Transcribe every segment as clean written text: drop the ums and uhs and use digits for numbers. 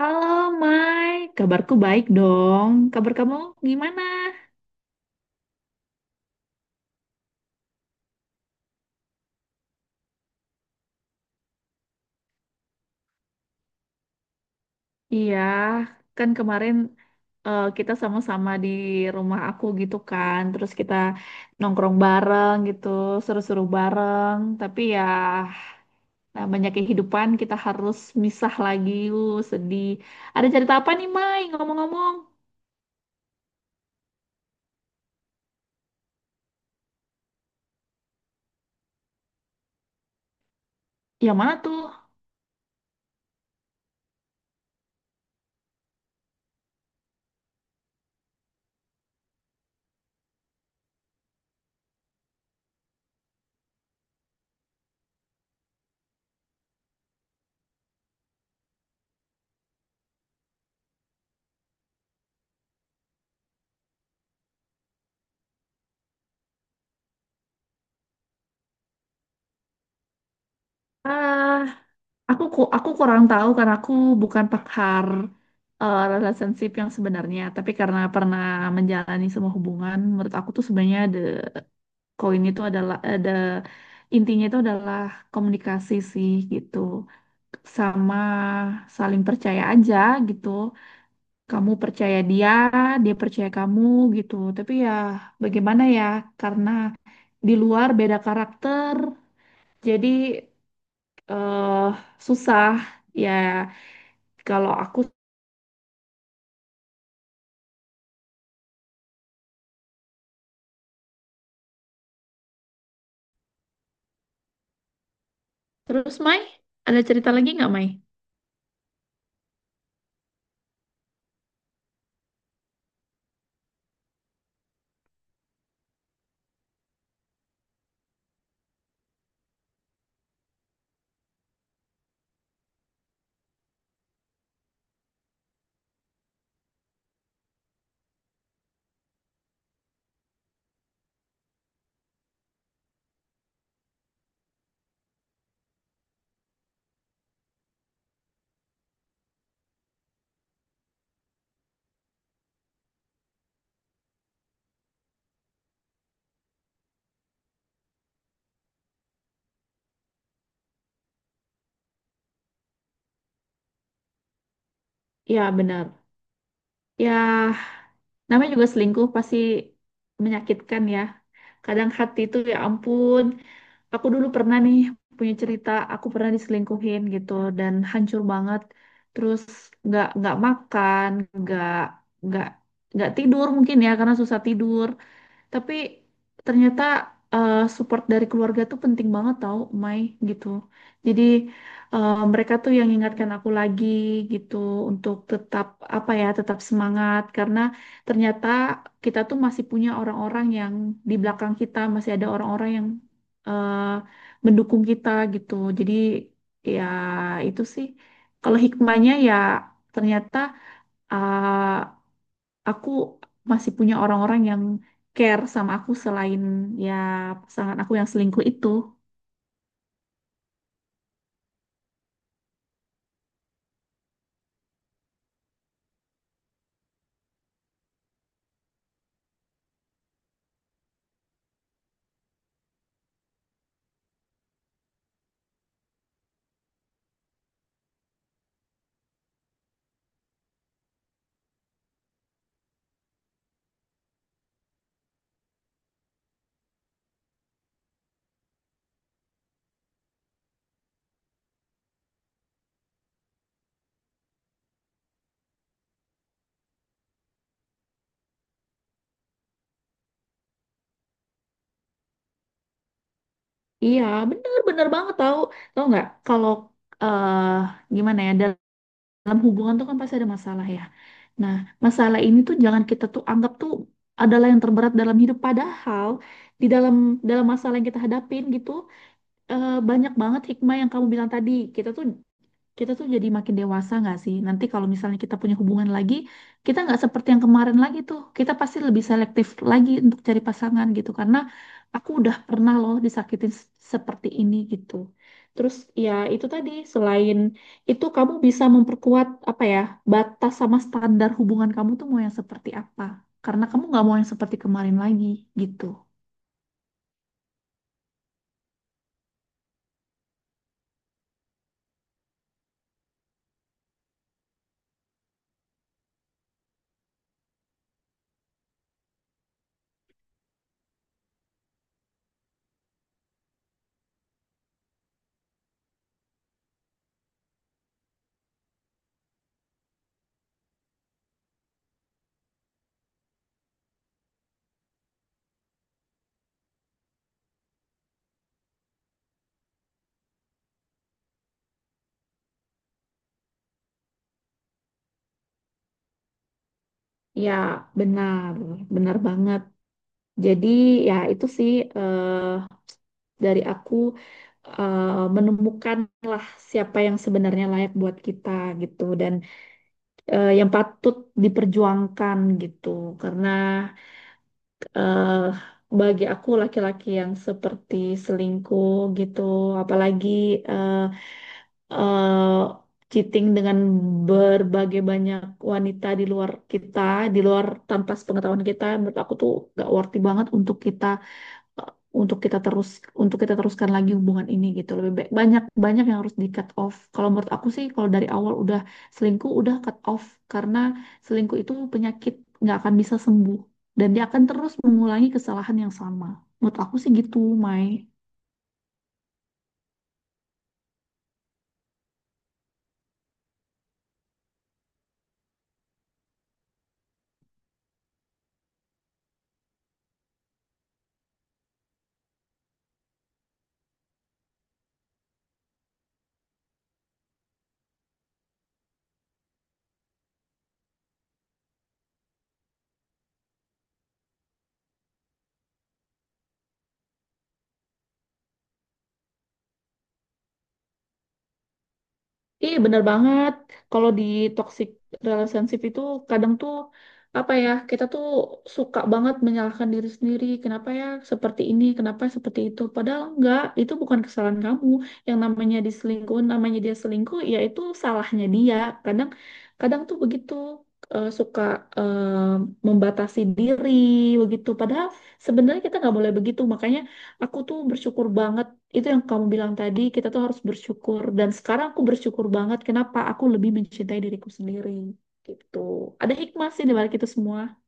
Halo, Mai. Kabarku baik dong. Kabar kamu gimana? Iya, kan kemarin kita sama-sama di rumah aku gitu kan. Terus kita nongkrong bareng gitu, seru-seru bareng. Tapi ya namanya kehidupan kita harus misah lagi. Sedih. Ada cerita apa nih, Mai? Ngomong-ngomong. Yang mana tuh? Ah, aku kurang tahu karena aku bukan pakar relationship yang sebenarnya, tapi karena pernah menjalani semua hubungan, menurut aku tuh sebenarnya koin itu adalah ada intinya itu adalah komunikasi sih gitu. Sama saling percaya aja gitu. Kamu percaya dia, dia percaya kamu gitu. Tapi ya bagaimana ya karena di luar beda karakter, jadi eh susah ya. Kalau aku, terus Mai, ada cerita lagi nggak, Mai? Ya, benar. Ya, namanya juga selingkuh pasti menyakitkan ya. Kadang hati itu ya ampun. Aku dulu pernah nih punya cerita, aku pernah diselingkuhin gitu dan hancur banget. Terus nggak makan, nggak nggak nggak tidur mungkin ya karena susah tidur. Tapi ternyata support dari keluarga tuh penting banget tau, Mai, gitu. Jadi mereka tuh yang ingatkan aku lagi gitu untuk tetap apa ya, tetap semangat karena ternyata kita tuh masih punya orang-orang yang di belakang kita, masih ada orang-orang yang eh, mendukung kita gitu. Jadi ya itu sih kalau hikmahnya ya ternyata eh, aku masih punya orang-orang yang care sama aku selain ya pasangan aku yang selingkuh itu. Iya, bener-bener banget tahu. Tahu nggak kalau eh gimana ya, dalam hubungan tuh kan pasti ada masalah ya. Nah, masalah ini tuh jangan kita tuh anggap tuh adalah yang terberat dalam hidup, padahal di dalam dalam masalah yang kita hadapin gitu banyak banget hikmah yang kamu bilang tadi. Kita tuh kita tuh jadi makin dewasa nggak sih? Nanti kalau misalnya kita punya hubungan lagi, kita nggak seperti yang kemarin lagi tuh. Kita pasti lebih selektif lagi untuk cari pasangan gitu. Karena aku udah pernah loh seperti ini gitu. Terus ya itu tadi, selain itu kamu bisa memperkuat apa ya, batas sama standar hubungan kamu tuh mau yang seperti apa. Karena kamu nggak mau yang seperti kemarin lagi gitu. Ya, benar, benar banget. Jadi ya itu sih, dari aku eh, menemukan lah siapa yang sebenarnya layak buat kita gitu, dan yang patut diperjuangkan gitu karena eh, bagi aku laki-laki yang seperti selingkuh gitu, apalagi eh, eh, cheating dengan berbagai banyak wanita di luar kita, di luar tanpa sepengetahuan kita, menurut aku tuh gak worthy banget untuk kita eh, untuk kita terus untuk kita teruskan lagi hubungan ini gitu. Lebih baik banyak banyak yang harus di cut off, kalau menurut aku sih kalau dari awal udah selingkuh, udah cut off, karena selingkuh itu penyakit, nggak akan bisa sembuh dan dia akan terus mengulangi kesalahan yang sama. Menurut aku sih gitu, Mai. Iya bener banget. Kalau di toxic relationship itu kadang tuh apa ya, kita tuh suka banget menyalahkan diri sendiri. Kenapa ya seperti ini? Kenapa seperti itu? Padahal enggak, itu bukan kesalahan kamu. Yang namanya diselingkuh, namanya dia selingkuh, ya itu salahnya dia. Kadang kadang tuh begitu suka eh, membatasi diri begitu. Padahal sebenarnya kita nggak boleh begitu. Makanya aku tuh bersyukur banget itu yang kamu bilang tadi, kita tuh harus bersyukur. Dan sekarang aku bersyukur banget kenapa aku lebih mencintai diriku sendiri. Gitu. Ada hikmah sih di balik itu semua.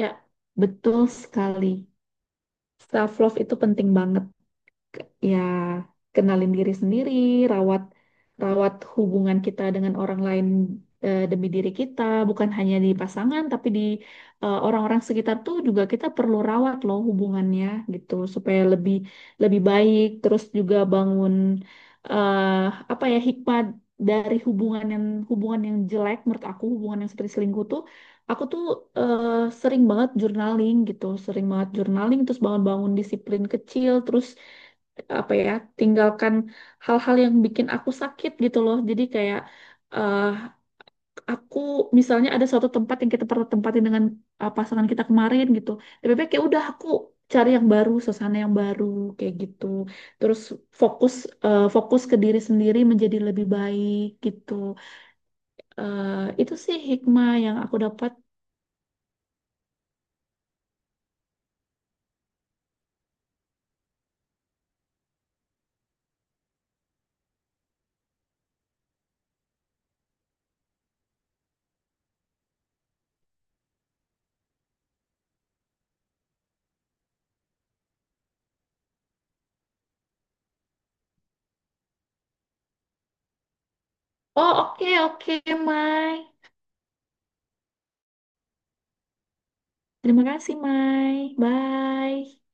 Ya, betul sekali. Self love itu penting banget. ke- Ya, kenalin diri sendiri, rawat rawat hubungan kita dengan orang lain demi diri kita, bukan hanya di pasangan tapi di orang-orang sekitar tuh juga kita perlu rawat loh hubungannya gitu supaya lebih lebih baik, terus juga bangun eh apa ya, hikmat dari hubungan yang jelek menurut aku, hubungan yang seperti selingkuh tuh. Aku tuh eh, sering banget journaling gitu, sering banget journaling, terus bangun-bangun disiplin kecil, terus apa ya, tinggalkan hal-hal yang bikin aku sakit gitu loh. Jadi kayak eh aku misalnya ada suatu tempat yang kita pernah tempatin dengan pasangan kita kemarin gitu, lebih baik ya udah aku cari yang baru, suasana yang baru kayak gitu. Terus fokus fokus ke diri sendiri menjadi lebih baik gitu. Eh itu sih hikmah yang aku dapat. Oh, oke oke, Mai. Terima kasih, Mai. Bye.